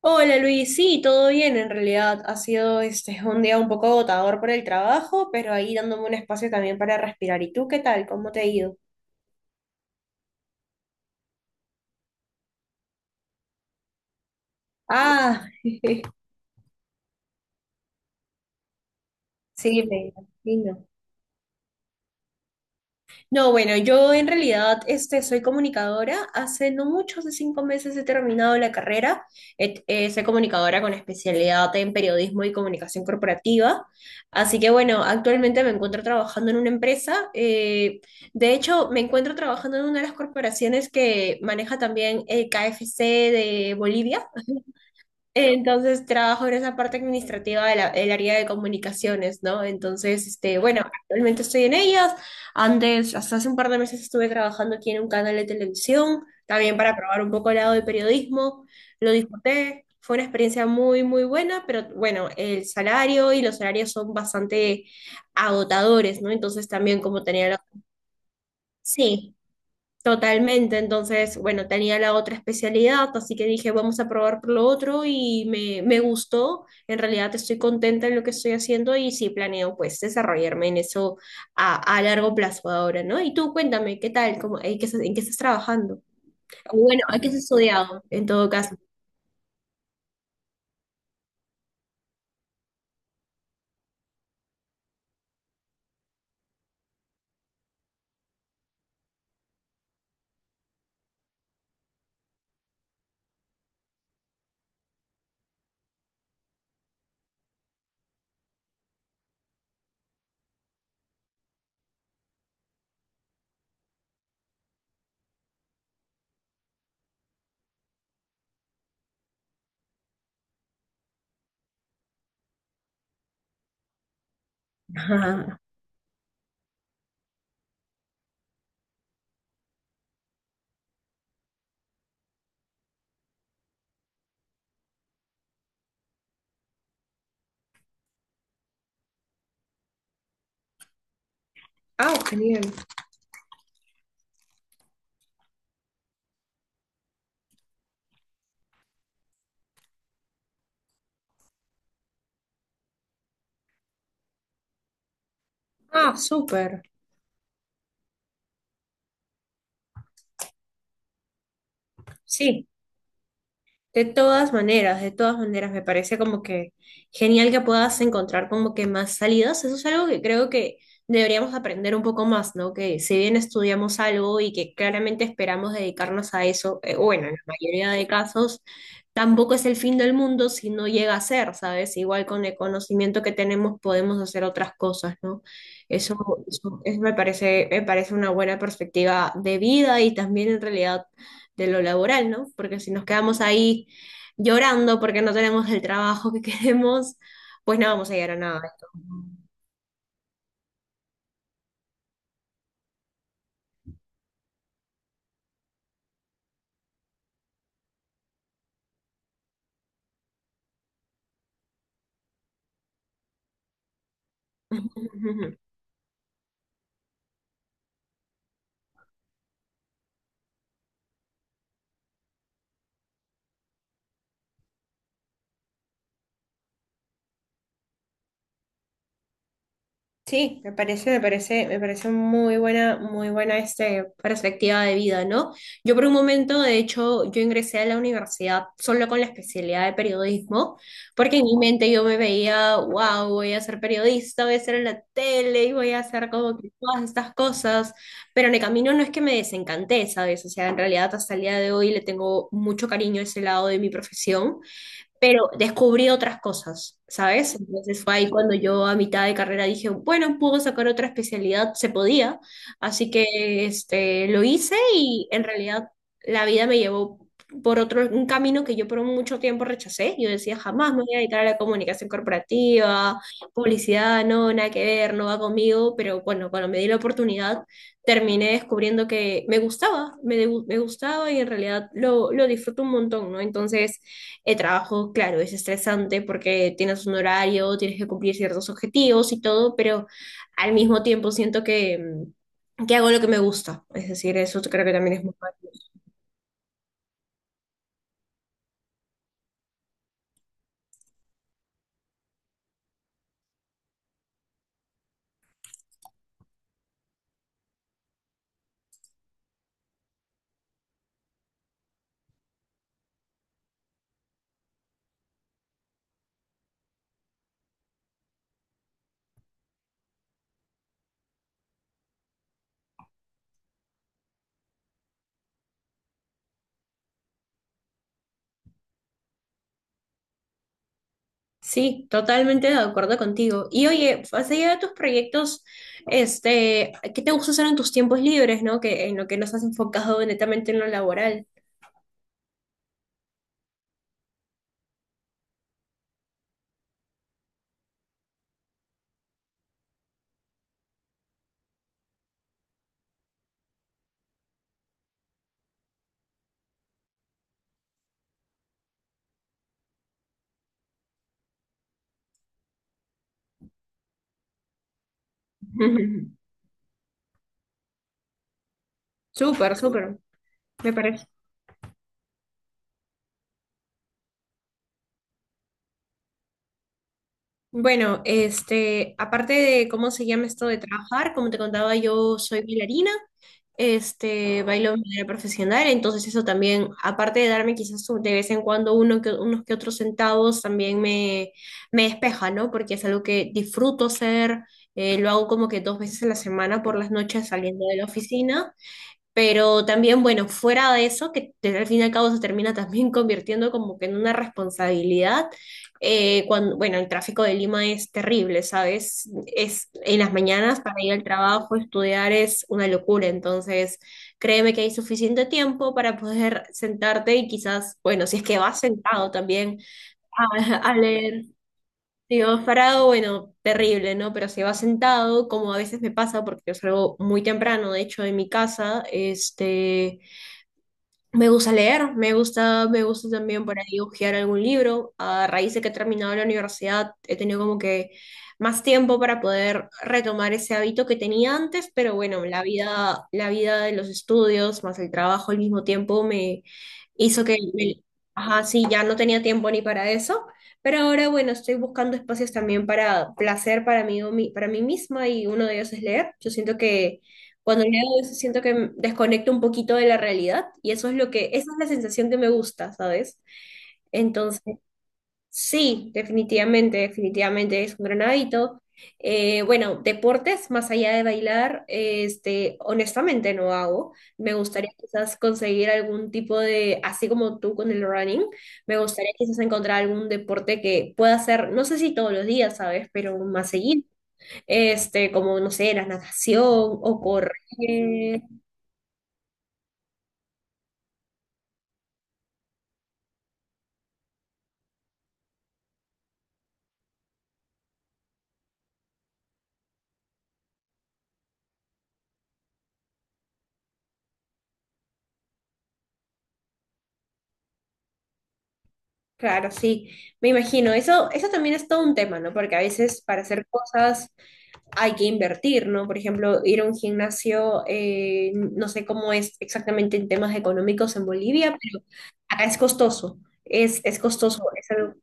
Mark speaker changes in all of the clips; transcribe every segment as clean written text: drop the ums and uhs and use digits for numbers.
Speaker 1: Hola Luis, sí, todo bien en realidad. Ha sido un día un poco agotador por el trabajo, pero ahí dándome un espacio también para respirar. ¿Y tú qué tal? ¿Cómo te ha ido? Ah, sí, me imagino. No, bueno, yo en realidad soy comunicadora. Hace no mucho, hace cinco meses he terminado la carrera. Soy comunicadora con especialidad en periodismo y comunicación corporativa. Así que bueno, actualmente me encuentro trabajando en una empresa. De hecho, me encuentro trabajando en una de las corporaciones que maneja también el KFC de Bolivia. Entonces trabajo en esa parte administrativa de del área de comunicaciones, ¿no? Entonces, bueno, actualmente estoy en ellas. Antes, hasta hace un par de meses estuve trabajando aquí en un canal de televisión, también para probar un poco el lado de periodismo. Lo disfruté, fue una experiencia muy, muy buena, pero bueno, el salario y los salarios son bastante agotadores, ¿no? Entonces también como tenía la… Sí. Totalmente, entonces, bueno, tenía la otra especialidad, así que dije, vamos a probar por lo otro y me gustó, en realidad estoy contenta en lo que estoy haciendo y sí planeo pues desarrollarme en eso a largo plazo ahora, ¿no? Y tú cuéntame, ¿qué tal? ¿Cómo, en qué, en qué estás trabajando? Bueno, ¿a qué has estudiado en todo caso? Ajá. Ah, genial. Ah, súper. Sí. De todas maneras, me parece como que genial que puedas encontrar como que más salidas. Eso es algo que creo que deberíamos aprender un poco más, ¿no? Que si bien estudiamos algo y que claramente esperamos dedicarnos a eso, bueno, en la mayoría de casos, tampoco es el fin del mundo si no llega a ser, ¿sabes? Igual con el conocimiento que tenemos podemos hacer otras cosas, ¿no? Eso, Eso me parece una buena perspectiva de vida y también en realidad de lo laboral, ¿no? Porque si nos quedamos ahí llorando porque no tenemos el trabajo que queremos, pues no vamos a llegar a nada de esto. Sí, me parece, me parece, me parece muy buena perspectiva de vida, ¿no? Yo por un momento, de hecho, yo ingresé a la universidad solo con la especialidad de periodismo, porque en mi mente yo me veía, wow, voy a ser periodista, voy a ser en la tele y voy a hacer como que todas estas cosas, pero en el camino no es que me desencanté, ¿sabes? O sea, en realidad hasta el día de hoy le tengo mucho cariño a ese lado de mi profesión, pero descubrí otras cosas, ¿sabes? Entonces fue ahí cuando yo a mitad de carrera dije, bueno, puedo sacar otra especialidad, se podía, así que lo hice y en realidad la vida me llevó por otro, un camino que yo por mucho tiempo rechacé, yo decía, jamás me voy a dedicar a la comunicación corporativa, publicidad, no, nada que ver, no va conmigo, pero bueno, cuando me di la oportunidad, terminé descubriendo que me gustaba, me gustaba y en realidad lo disfruto un montón, ¿no? Entonces… El trabajo, claro, es estresante porque tienes un horario, tienes que cumplir ciertos objetivos y todo, pero al mismo tiempo siento que, que hago lo que me gusta. Es decir, eso creo que también es muy válido. Sí, totalmente de acuerdo contigo. Y oye, más allá de tus proyectos, ¿qué te gusta hacer en tus tiempos libres, no? Que en lo que no estás enfocado netamente en lo laboral. Súper, súper, me parece. Bueno, aparte de cómo se llama esto de trabajar, como te contaba, yo soy bailarina. Bailo de manera profesional, entonces eso también, aparte de darme quizás de vez en cuando uno que, unos que otros centavos, también me despeja, ¿no? Porque es algo que disfruto hacer, lo hago como que dos veces a la semana por las noches saliendo de la oficina, pero también, bueno, fuera de eso, que al fin y al cabo se termina también convirtiendo como que en una responsabilidad, cuando, bueno, el tráfico de Lima es terrible, ¿sabes? Es, en las mañanas para ir al trabajo, estudiar es una locura, entonces créeme que hay suficiente tiempo para poder sentarte y quizás, bueno, si es que vas sentado también a leer. Si vas parado, bueno, terrible, ¿no? Pero si vas sentado, como a veces me pasa, porque yo salgo muy temprano, de hecho, de mi casa, Me gusta leer, me gusta también por ahí hojear algún libro. A raíz de que he terminado la universidad, he tenido como que más tiempo para poder retomar ese hábito que tenía antes, pero bueno, la vida de los estudios más el trabajo al mismo tiempo me hizo que, ajá, sí, ya no tenía tiempo ni para eso, pero ahora bueno, estoy buscando espacios también para placer para mí, o para mí misma y uno de ellos es leer. Yo siento que cuando leo eso siento que desconecto un poquito de la realidad y eso es lo que, esa es la sensación que me gusta, ¿sabes? Entonces, sí, definitivamente, definitivamente es un gran hábito. Bueno, deportes, más allá de bailar, honestamente no hago. Me gustaría quizás conseguir algún tipo de, así como tú con el running, me gustaría quizás encontrar algún deporte que pueda hacer, no sé si todos los días, ¿sabes? Pero más seguido como, no sé, la natación o correr. Claro, sí, me imagino. Eso también es todo un tema, ¿no? Porque a veces para hacer cosas hay que invertir, ¿no? Por ejemplo, ir a un gimnasio, no sé cómo es exactamente en temas económicos en Bolivia, pero acá es costoso, es costoso.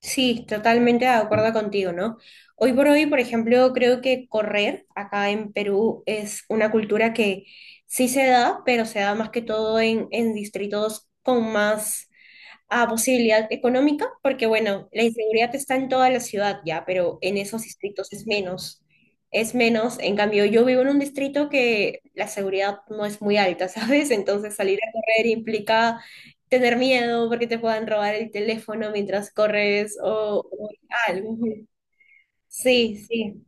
Speaker 1: Sí, totalmente de acuerdo contigo, ¿no? Hoy por hoy, por ejemplo, creo que correr acá en Perú es una cultura que sí se da, pero se da más que todo en distritos con más a posibilidad económica, porque bueno, la inseguridad está en toda la ciudad ya, pero en esos distritos es menos. Es menos, en cambio, yo vivo en un distrito que la seguridad no es muy alta, ¿sabes? Entonces salir a correr implica tener miedo porque te puedan robar el teléfono mientras corres o algo. Sí, sí.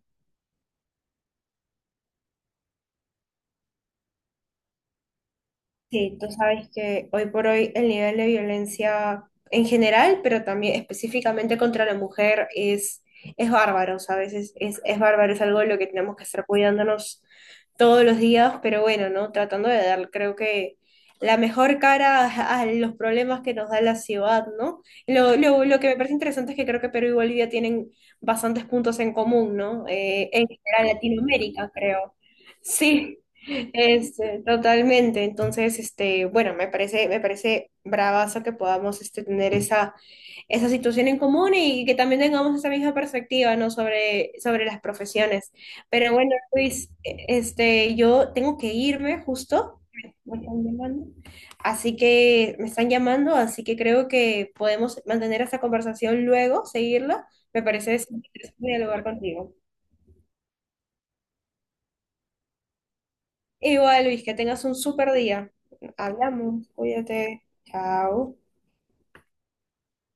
Speaker 1: Sí, tú sabes que hoy por hoy el nivel de violencia en general, pero también específicamente contra la mujer, es bárbaro, ¿sabes? Es bárbaro, es algo de lo que tenemos que estar cuidándonos todos los días, pero bueno, ¿no? Tratando de dar, creo que la mejor cara a los problemas que nos da la ciudad, ¿no? Lo que me parece interesante es que creo que Perú y Bolivia tienen bastantes puntos en común, ¿no? En general Latinoamérica, creo. Sí. Totalmente. Entonces, bueno, me parece bravazo que podamos tener esa, esa situación en común y que también tengamos esa misma perspectiva, ¿no? Sobre, sobre las profesiones. Pero bueno, Luis, yo tengo que irme justo. Me están llamando. Así que me están llamando, así que creo que podemos mantener esta conversación luego, seguirla. Me parece interesante dialogar contigo. Igual, Luis, que tengas un súper día. Hablamos, cuídate. Chao.